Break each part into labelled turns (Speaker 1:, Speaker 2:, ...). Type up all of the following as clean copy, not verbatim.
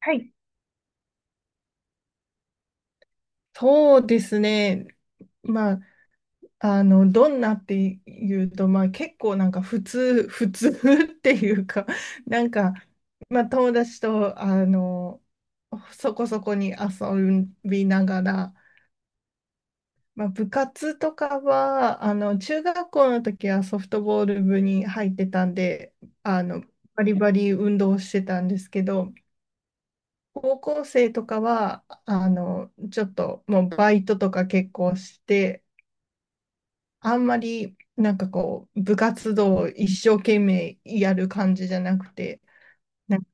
Speaker 1: はい。そうですね。まあ、どんなっていうと、まあ結構なんか普通 っていうか、なんか、まあ友達と、そこそこに遊びながら、まあ部活とかは、中学校の時はソフトボール部に入ってたんで、あの、バリバリ運動してたんですけど、高校生とかは、ちょっともうバイトとか結構して、あんまり、なんかこう、部活動を一生懸命やる感じじゃなくて、なんか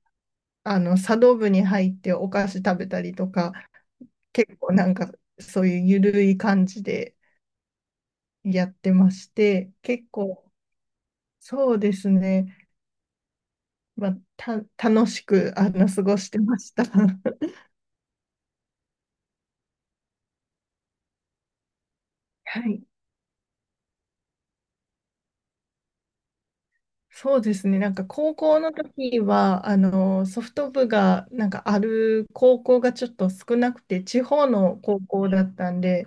Speaker 1: 茶道部に入ってお菓子食べたりとか、結構なんかそういうゆるい感じでやってまして、結構、そうですね、まあ、楽しく、過ごしてました。はい、そうですね。なんか高校の時は、ソフト部がなんかある高校がちょっと少なくて、地方の高校だったんで、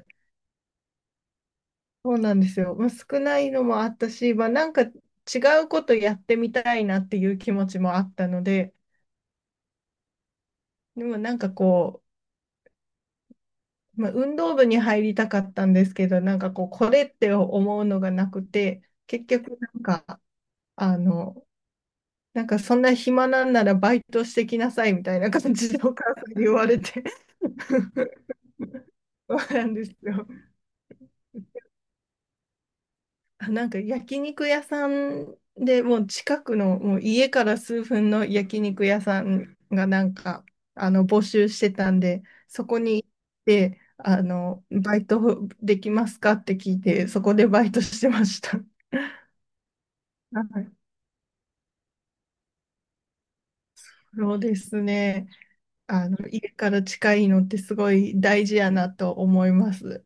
Speaker 1: そうなんですよ。まあ、少ないのもあったし、まあ、なんか違うことやってみたいなっていう気持ちもあったので、でもなんかこう、まあ、運動部に入りたかったんですけど、なんかこう、これって思うのがなくて、結局なんか、あの、なんかそんな暇なんならバイトしてきなさいみたいな感じでお母さんに言われて そうなんですよ。あなんか焼肉屋さんでもう近くのもう家から数分の焼肉屋さんがなんか募集してたんで、そこに行って、あのバイトできますかって聞いて、そこでバイトしてました。はい、そうですね。あの家から近いのってすごい大事やなと思います。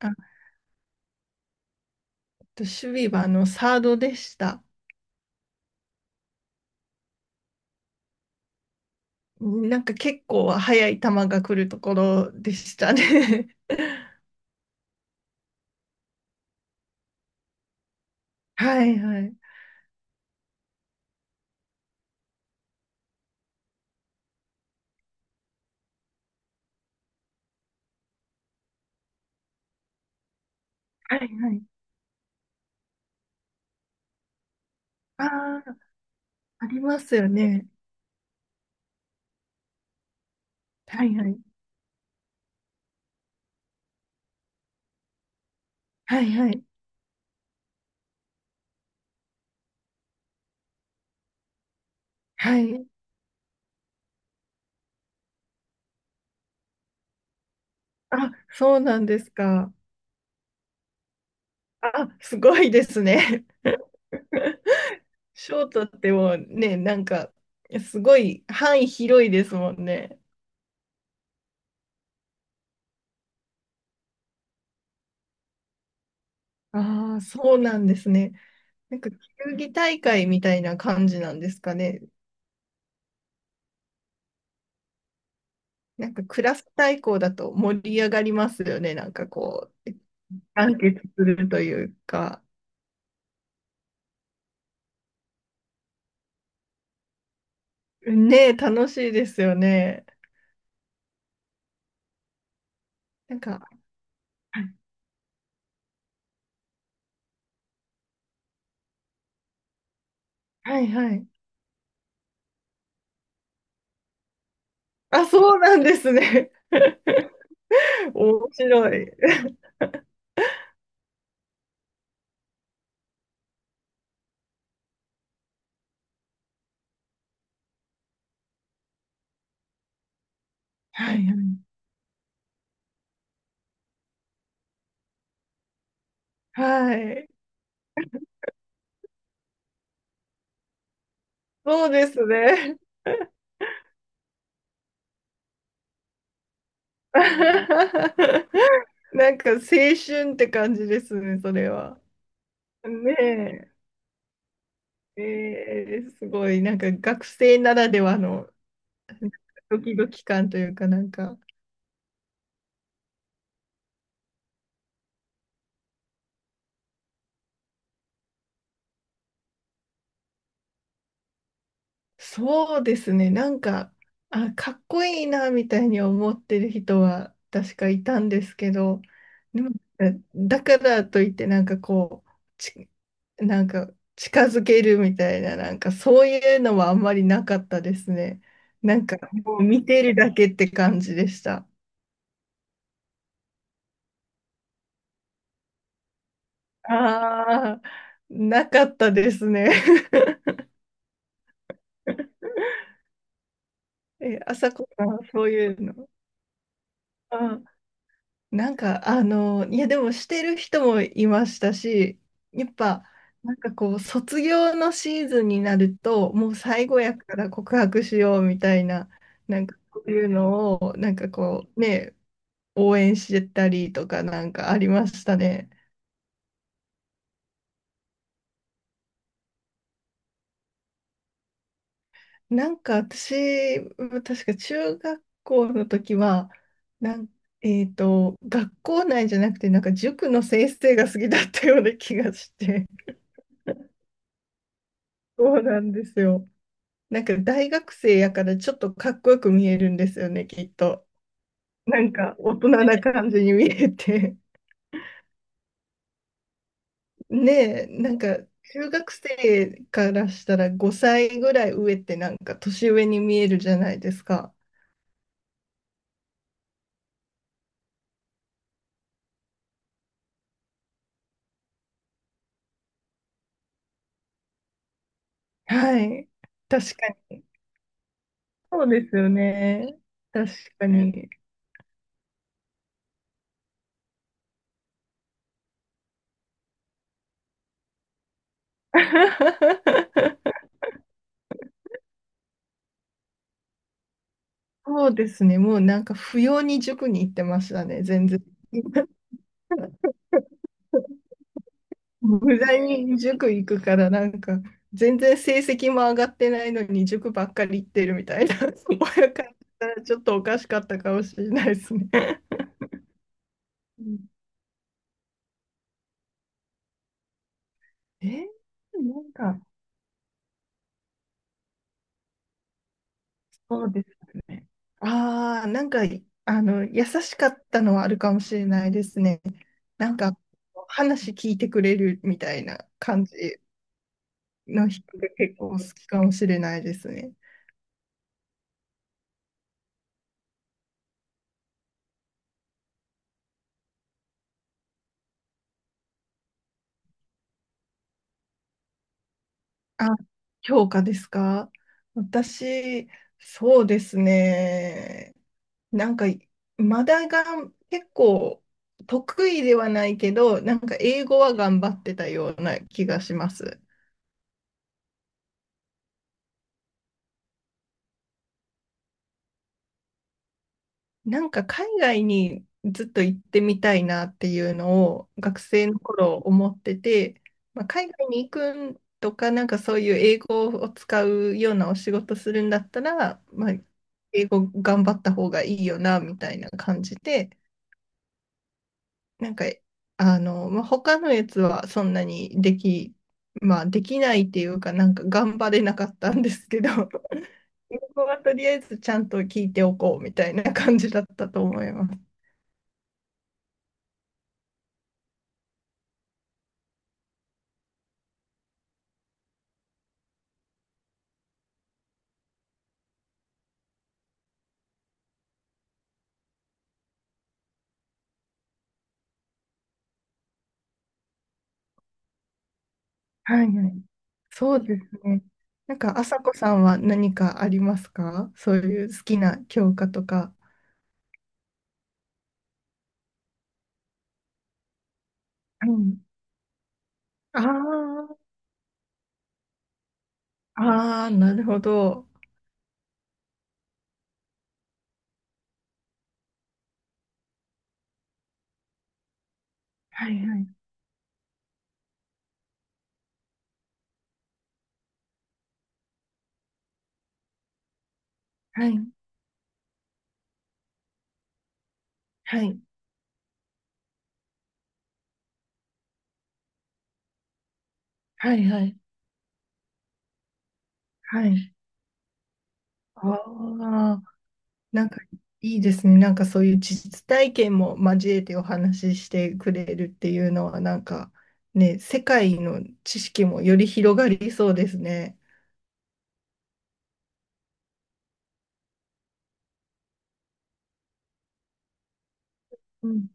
Speaker 1: あと、守備はあのサードでした。なんか結構速い球が来るところでしたね。はいはい。はいはい。ああ、ありますよね。はいはい。はいはい。はい。あ、そうなんですか。あ、すごいですね。ショートってもうね、なんか、すごい範囲広いですもんね。ああ、そうなんですね。なんか、球技大会みたいな感じなんですかね。なんか、クラス対抗だと盛り上がりますよね。なんかこう、団結するというか。ねえ、楽しいですよね。なんか、はいはいはい。あ、そうなんですね。面白い。はいはい。はい。そうですね。なんか青春って感じですね、それは。ねえ。えーすごい、なんか学生ならではのドキドキ感というか、なんか、そうですね。なんか、あ、かっこいいな、みたいに思ってる人は確かいたんですけど、でも、だからといって、なんかこう、ち、なんか近づけるみたいな、なんかそういうのはあんまりなかったですね。なんか、もう見てるだけって感じでした。ああ、なかったですね。え、あさこさん、そういうの。あなんか、いや、でもしてる人もいましたし、やっぱ、なんかこう、卒業のシーズンになると、もう最後やから告白しようみたいな、なんかこういうのを、なんかこう、ね、応援してたりとかなんかありましたね。なんか私、ま確か中学校の時は、なん、えっと、学校内じゃなくて、なんか塾の先生が好きだったような気がして。そうなんですよ。なんか大学生やからちょっとかっこよく見えるんですよね、きっと。なんか大人な感じに見えて。ねえ、なんか中学生からしたら5歳ぐらい上ってなんか年上に見えるじゃないですか。はい。確かに。そうですよね。確かに。そうですね。もうなんか不要に塾に行ってましたね、全然。無駄に塾行くからなんか全然成績も上がってないのに塾ばっかり行ってるみたいな 親からしたらちょっとおかしかったかもしれないですね。うん、えー、なんかそうですね。ああ、なんか優しかったのはあるかもしれないですね。なんか話聞いてくれるみたいな感じの人が結構好きかもしれないですね。あ、評価ですか？私、そうですね。なんか、まだが結構得意ではないけど、なんか英語は頑張ってたような気がします。なんか海外にずっと行ってみたいなっていうのを学生の頃思ってて、まあ、海外に行くんとか、なんかそういう英語を使うようなお仕事するんだったら、まあ、英語頑張った方がいいよなみたいな感じで、なんかまあ、他のやつはそんなにでき、まあ、できないっていうか、なんか頑張れなかったんですけど、英語はとりあえずちゃんと聞いておこうみたいな感じだったと思います。はいはい。そうですね。なんか、あさこさんは何かありますか、そういう好きな教科とか。はい。ああ、ああ、なるほど。はいはいはい。はい。はいはい。はい。ああ、なんかいいですね。なんかそういう実体験も交えてお話ししてくれるっていうのは、なんかね、世界の知識もより広がりそうですね。うん。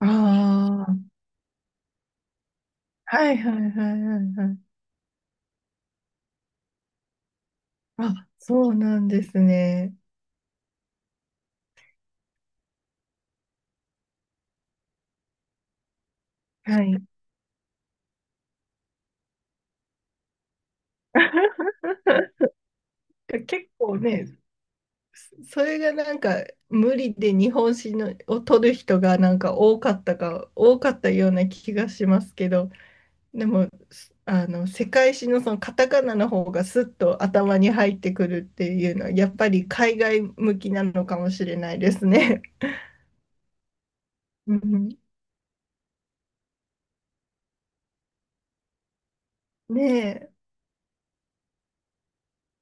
Speaker 1: ああ、はいはいはいはいはい。あ、そうなんですね。はい。結構ね、それがなんか無理で日本史のを取る人がなんか多かったような気がしますけど、でも、すあの、世界史のそのカタカナの方がスッと頭に入ってくるっていうのは、やっぱり海外向きなのかもしれないですね。うん、ねえ。